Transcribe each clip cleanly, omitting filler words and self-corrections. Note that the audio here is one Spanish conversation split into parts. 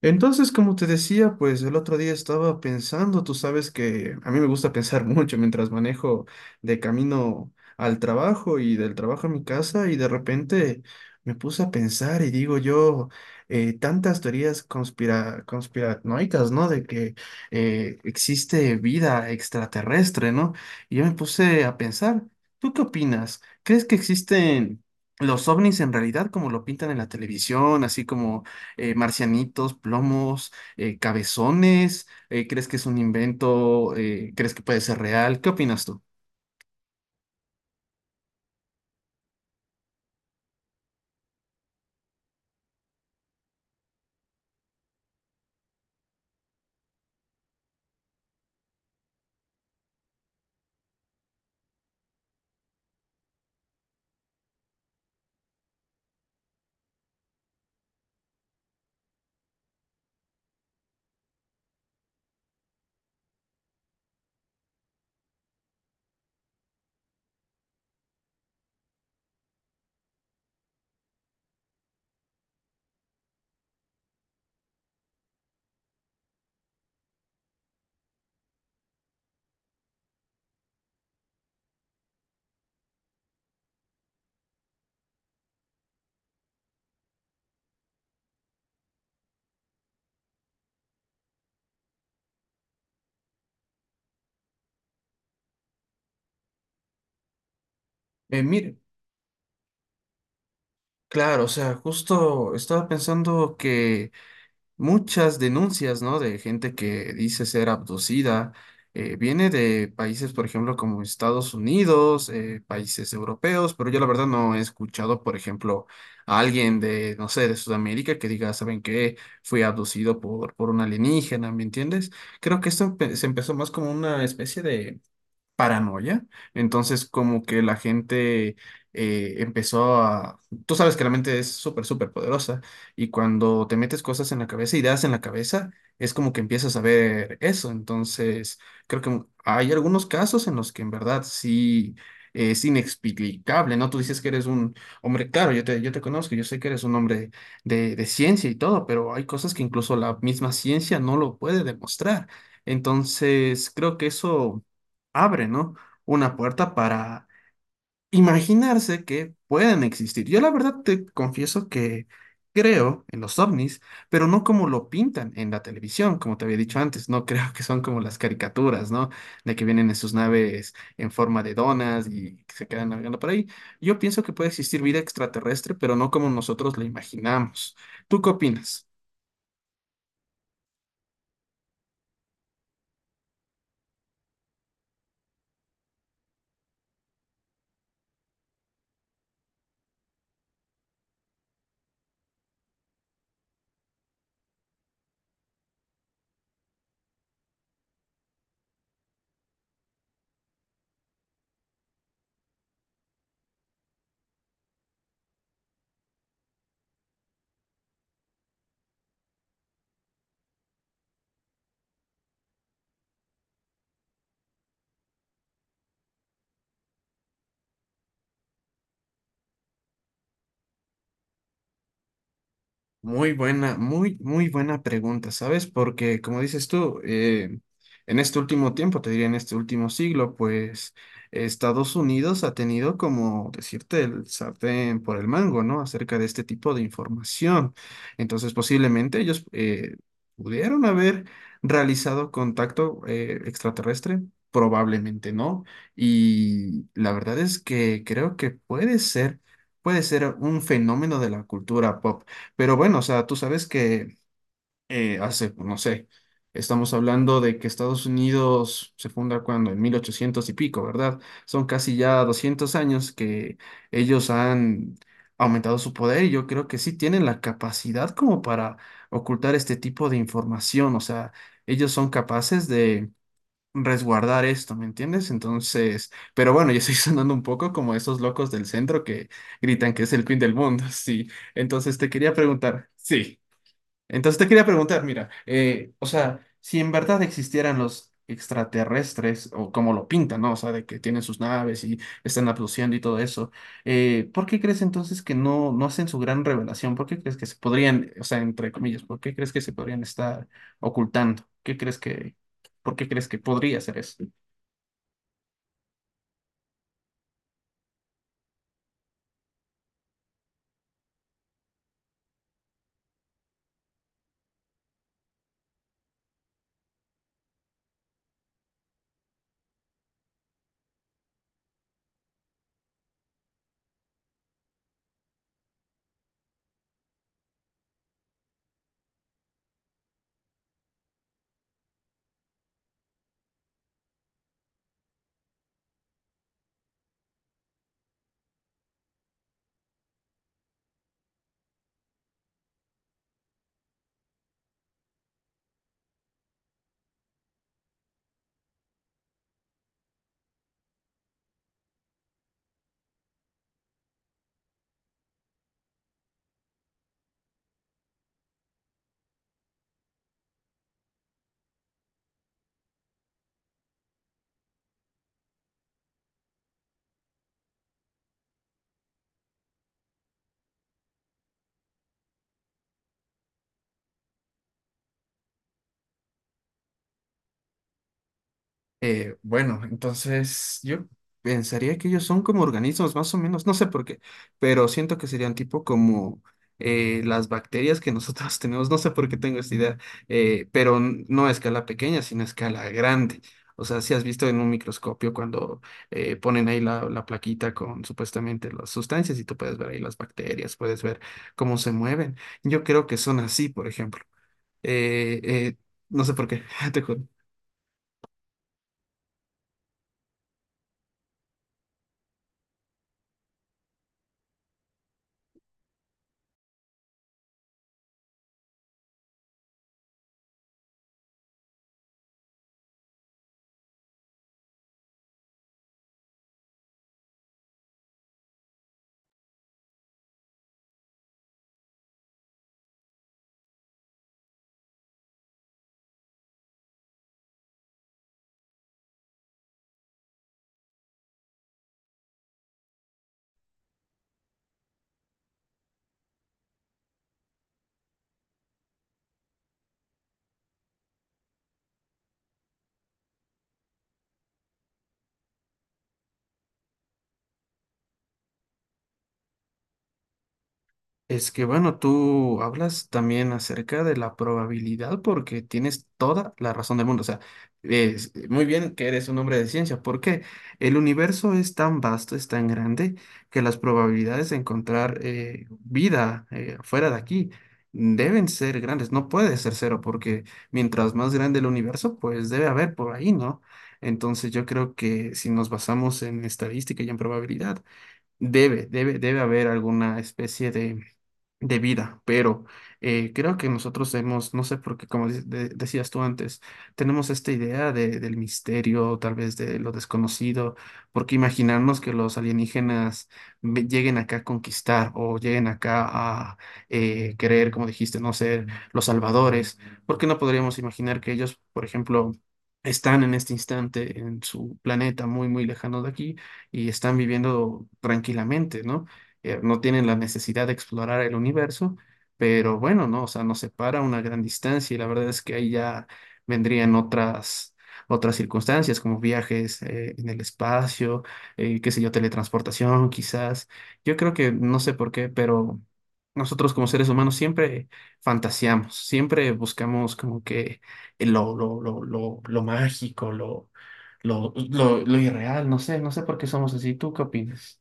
Entonces, como te decía, pues el otro día estaba pensando, tú sabes que a mí me gusta pensar mucho mientras manejo de camino al trabajo y del trabajo a mi casa y de repente me puse a pensar y digo yo, tantas teorías conspiranoicas, ¿no? De que existe vida extraterrestre, ¿no? Y yo me puse a pensar, ¿tú qué opinas? ¿Crees que existen... los ovnis en realidad, como lo pintan en la televisión, así como marcianitos, plomos, cabezones? ¿Crees que es un invento? ¿Crees que puede ser real? ¿Qué opinas tú? Mire, claro, o sea, justo estaba pensando que muchas denuncias, ¿no? De gente que dice ser abducida. Viene de países, por ejemplo, como Estados Unidos, países europeos, pero yo la verdad no he escuchado, por ejemplo, a alguien de, no sé, de Sudamérica que diga, ¿saben qué? Fui abducido por un alienígena, ¿me entiendes? Creo que esto se empezó más como una especie de paranoia. Entonces, como que la gente empezó a... Tú sabes que la mente es súper, súper poderosa y cuando te metes cosas en la cabeza, ideas en la cabeza, es como que empiezas a ver eso. Entonces, creo que hay algunos casos en los que en verdad sí... Es inexplicable, ¿no? Tú dices que eres un hombre, claro, yo te conozco, yo sé que eres un hombre de ciencia y todo, pero hay cosas que incluso la misma ciencia no lo puede demostrar. Entonces, creo que eso abre, ¿no? Una puerta para imaginarse que pueden existir. Yo la verdad te confieso que creo en los ovnis, pero no como lo pintan en la televisión, como te había dicho antes, no creo que son como las caricaturas, ¿no? De que vienen en sus naves en forma de donas y que se quedan navegando por ahí. Yo pienso que puede existir vida extraterrestre, pero no como nosotros la imaginamos. ¿Tú qué opinas? Muy buena, muy buena pregunta, ¿sabes? Porque como dices tú, en este último tiempo, te diría en este último siglo, pues Estados Unidos ha tenido como decirte el sartén por el mango, ¿no? Acerca de este tipo de información. Entonces, posiblemente ellos pudieron haber realizado contacto extraterrestre, probablemente no. Y la verdad es que creo que puede ser un fenómeno de la cultura pop. Pero bueno, o sea, tú sabes que hace, pues, no sé, estamos hablando de que Estados Unidos se funda cuando, en 1800 y pico, ¿verdad? Son casi ya 200 años que ellos han aumentado su poder y yo creo que sí tienen la capacidad como para ocultar este tipo de información, o sea, ellos son capaces de resguardar esto, ¿me entiendes? Entonces, pero bueno, yo estoy sonando un poco como esos locos del centro que gritan que es el fin del mundo, sí. Entonces te quería preguntar, sí, entonces te quería preguntar, mira, o sea, si en verdad existieran los extraterrestres, o como lo pintan, ¿no? O sea, de que tienen sus naves y están abduciendo y todo eso, ¿por qué crees entonces que no, no hacen su gran revelación? ¿Por qué crees que se podrían, o sea, entre comillas, ¿por qué crees que se podrían estar ocultando? ¿Por qué crees que podría ser eso? Bueno, entonces yo pensaría que ellos son como organismos, más o menos, no sé por qué, pero siento que serían tipo como las bacterias que nosotros tenemos, no sé por qué tengo esta idea, pero no a escala pequeña, sino a escala grande. O sea, si has visto en un microscopio cuando ponen ahí la plaquita con supuestamente las sustancias y tú puedes ver ahí las bacterias, puedes ver cómo se mueven. Yo creo que son así, por ejemplo. Eh, eh, no sé por qué, te juro. Es que bueno, tú hablas también acerca de la probabilidad porque tienes toda la razón del mundo. O sea, es muy bien que eres un hombre de ciencia porque el universo es tan vasto, es tan grande que las probabilidades de encontrar vida fuera de aquí deben ser grandes. No puede ser cero porque mientras más grande el universo, pues debe haber por ahí, ¿no? Entonces yo creo que si nos basamos en estadística y en probabilidad, debe haber alguna especie de vida, pero creo que nosotros hemos, no sé por qué, como decías tú antes, tenemos esta idea del misterio, tal vez de lo desconocido, porque imaginarnos que los alienígenas lleguen acá a conquistar o lleguen acá a querer, como dijiste, no ser los salvadores, ¿por qué no podríamos imaginar que ellos, por ejemplo, están en este instante en su planeta muy, muy lejano de aquí y están viviendo tranquilamente, ¿no? No tienen la necesidad de explorar el universo, pero bueno, no, o sea, nos separa una gran distancia y la verdad es que ahí ya vendrían otras, otras circunstancias como viajes en el espacio, qué sé yo, teletransportación quizás. Yo creo que no sé por qué, pero nosotros como seres humanos siempre fantaseamos, siempre buscamos como que lo mágico, lo irreal, no sé, no sé por qué somos así. ¿Tú qué opinas?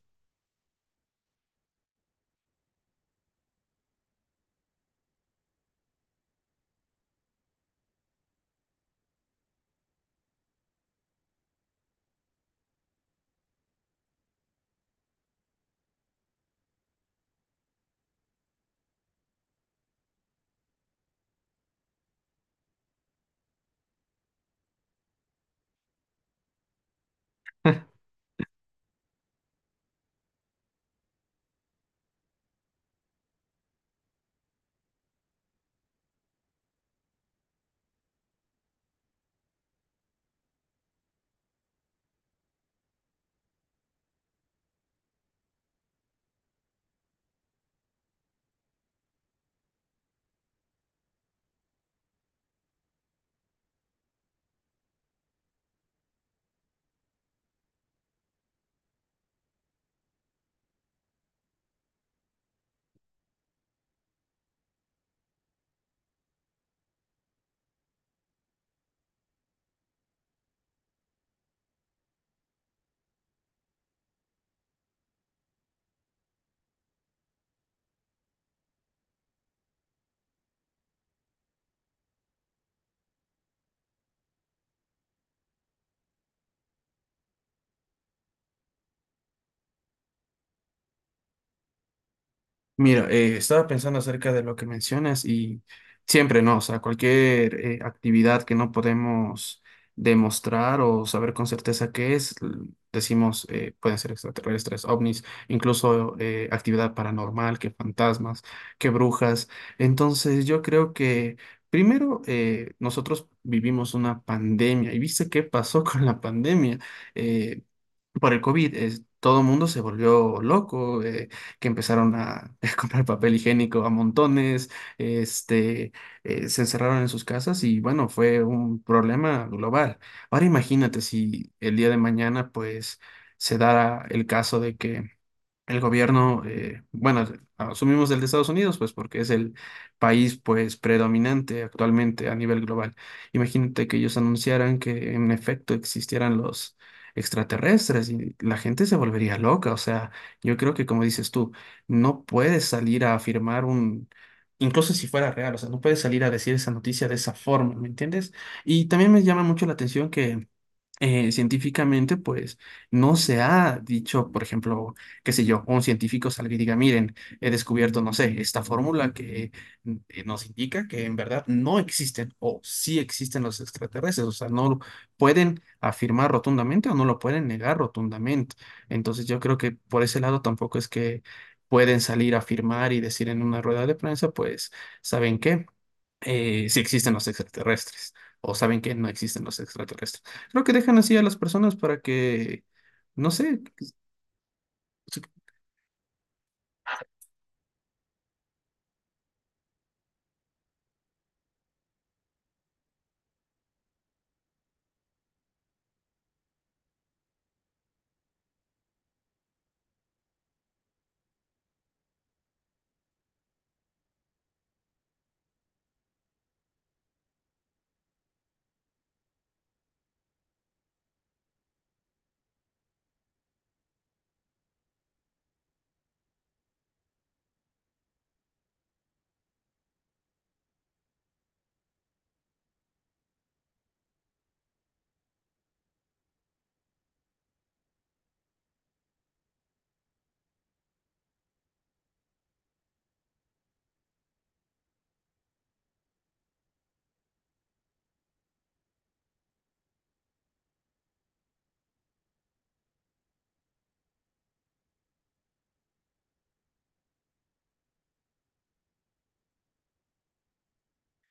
Mira, estaba pensando acerca de lo que mencionas y siempre, ¿no? O sea, cualquier actividad que no podemos demostrar o saber con certeza qué es, decimos, pueden ser extraterrestres, ovnis, incluso actividad paranormal, que fantasmas, que brujas. Entonces, yo creo que primero nosotros vivimos una pandemia y viste qué pasó con la pandemia. Eh, por el COVID, es, todo el mundo se volvió loco, que empezaron a, a comprar papel higiénico a montones, este, se encerraron en sus casas y bueno, fue un problema global. Ahora imagínate si el día de mañana pues se dará el caso de que el gobierno, bueno, asumimos el de Estados Unidos, pues porque es el país pues predominante actualmente a nivel global. Imagínate que ellos anunciaran que en efecto existieran los extraterrestres y la gente se volvería loca. O sea, yo creo que como dices tú, no puedes salir a afirmar un... Incluso si fuera real, o sea, no puedes salir a decir esa noticia de esa forma, ¿me entiendes? Y también me llama mucho la atención que científicamente, pues no se ha dicho, por ejemplo, qué sé yo, un científico salga y diga, miren, he descubierto, no sé, esta fórmula que nos indica que en verdad no existen o sí existen los extraterrestres, o sea, no lo pueden afirmar rotundamente o no lo pueden negar rotundamente. Entonces yo creo que por ese lado tampoco es que pueden salir a afirmar y decir en una rueda de prensa, pues, ¿saben qué? Si existen los extraterrestres o saben que no existen los extraterrestres. Creo que dejan así a las personas para que, no sé,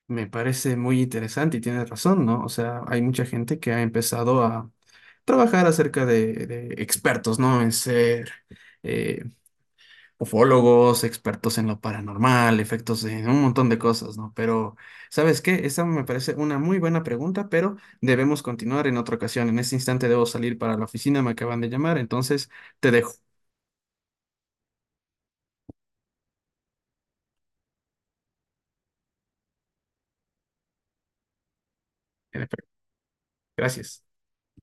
me parece muy interesante y tienes razón, ¿no? O sea, hay mucha gente que ha empezado a trabajar acerca de expertos, ¿no? En ser... eh, ufólogos, expertos en lo paranormal, efectos de un montón de cosas, ¿no? Pero, ¿sabes qué? Esa me parece una muy buena pregunta, pero debemos continuar en otra ocasión. En este instante debo salir para la oficina, me acaban de llamar, entonces te dejo. En efecto. Gracias.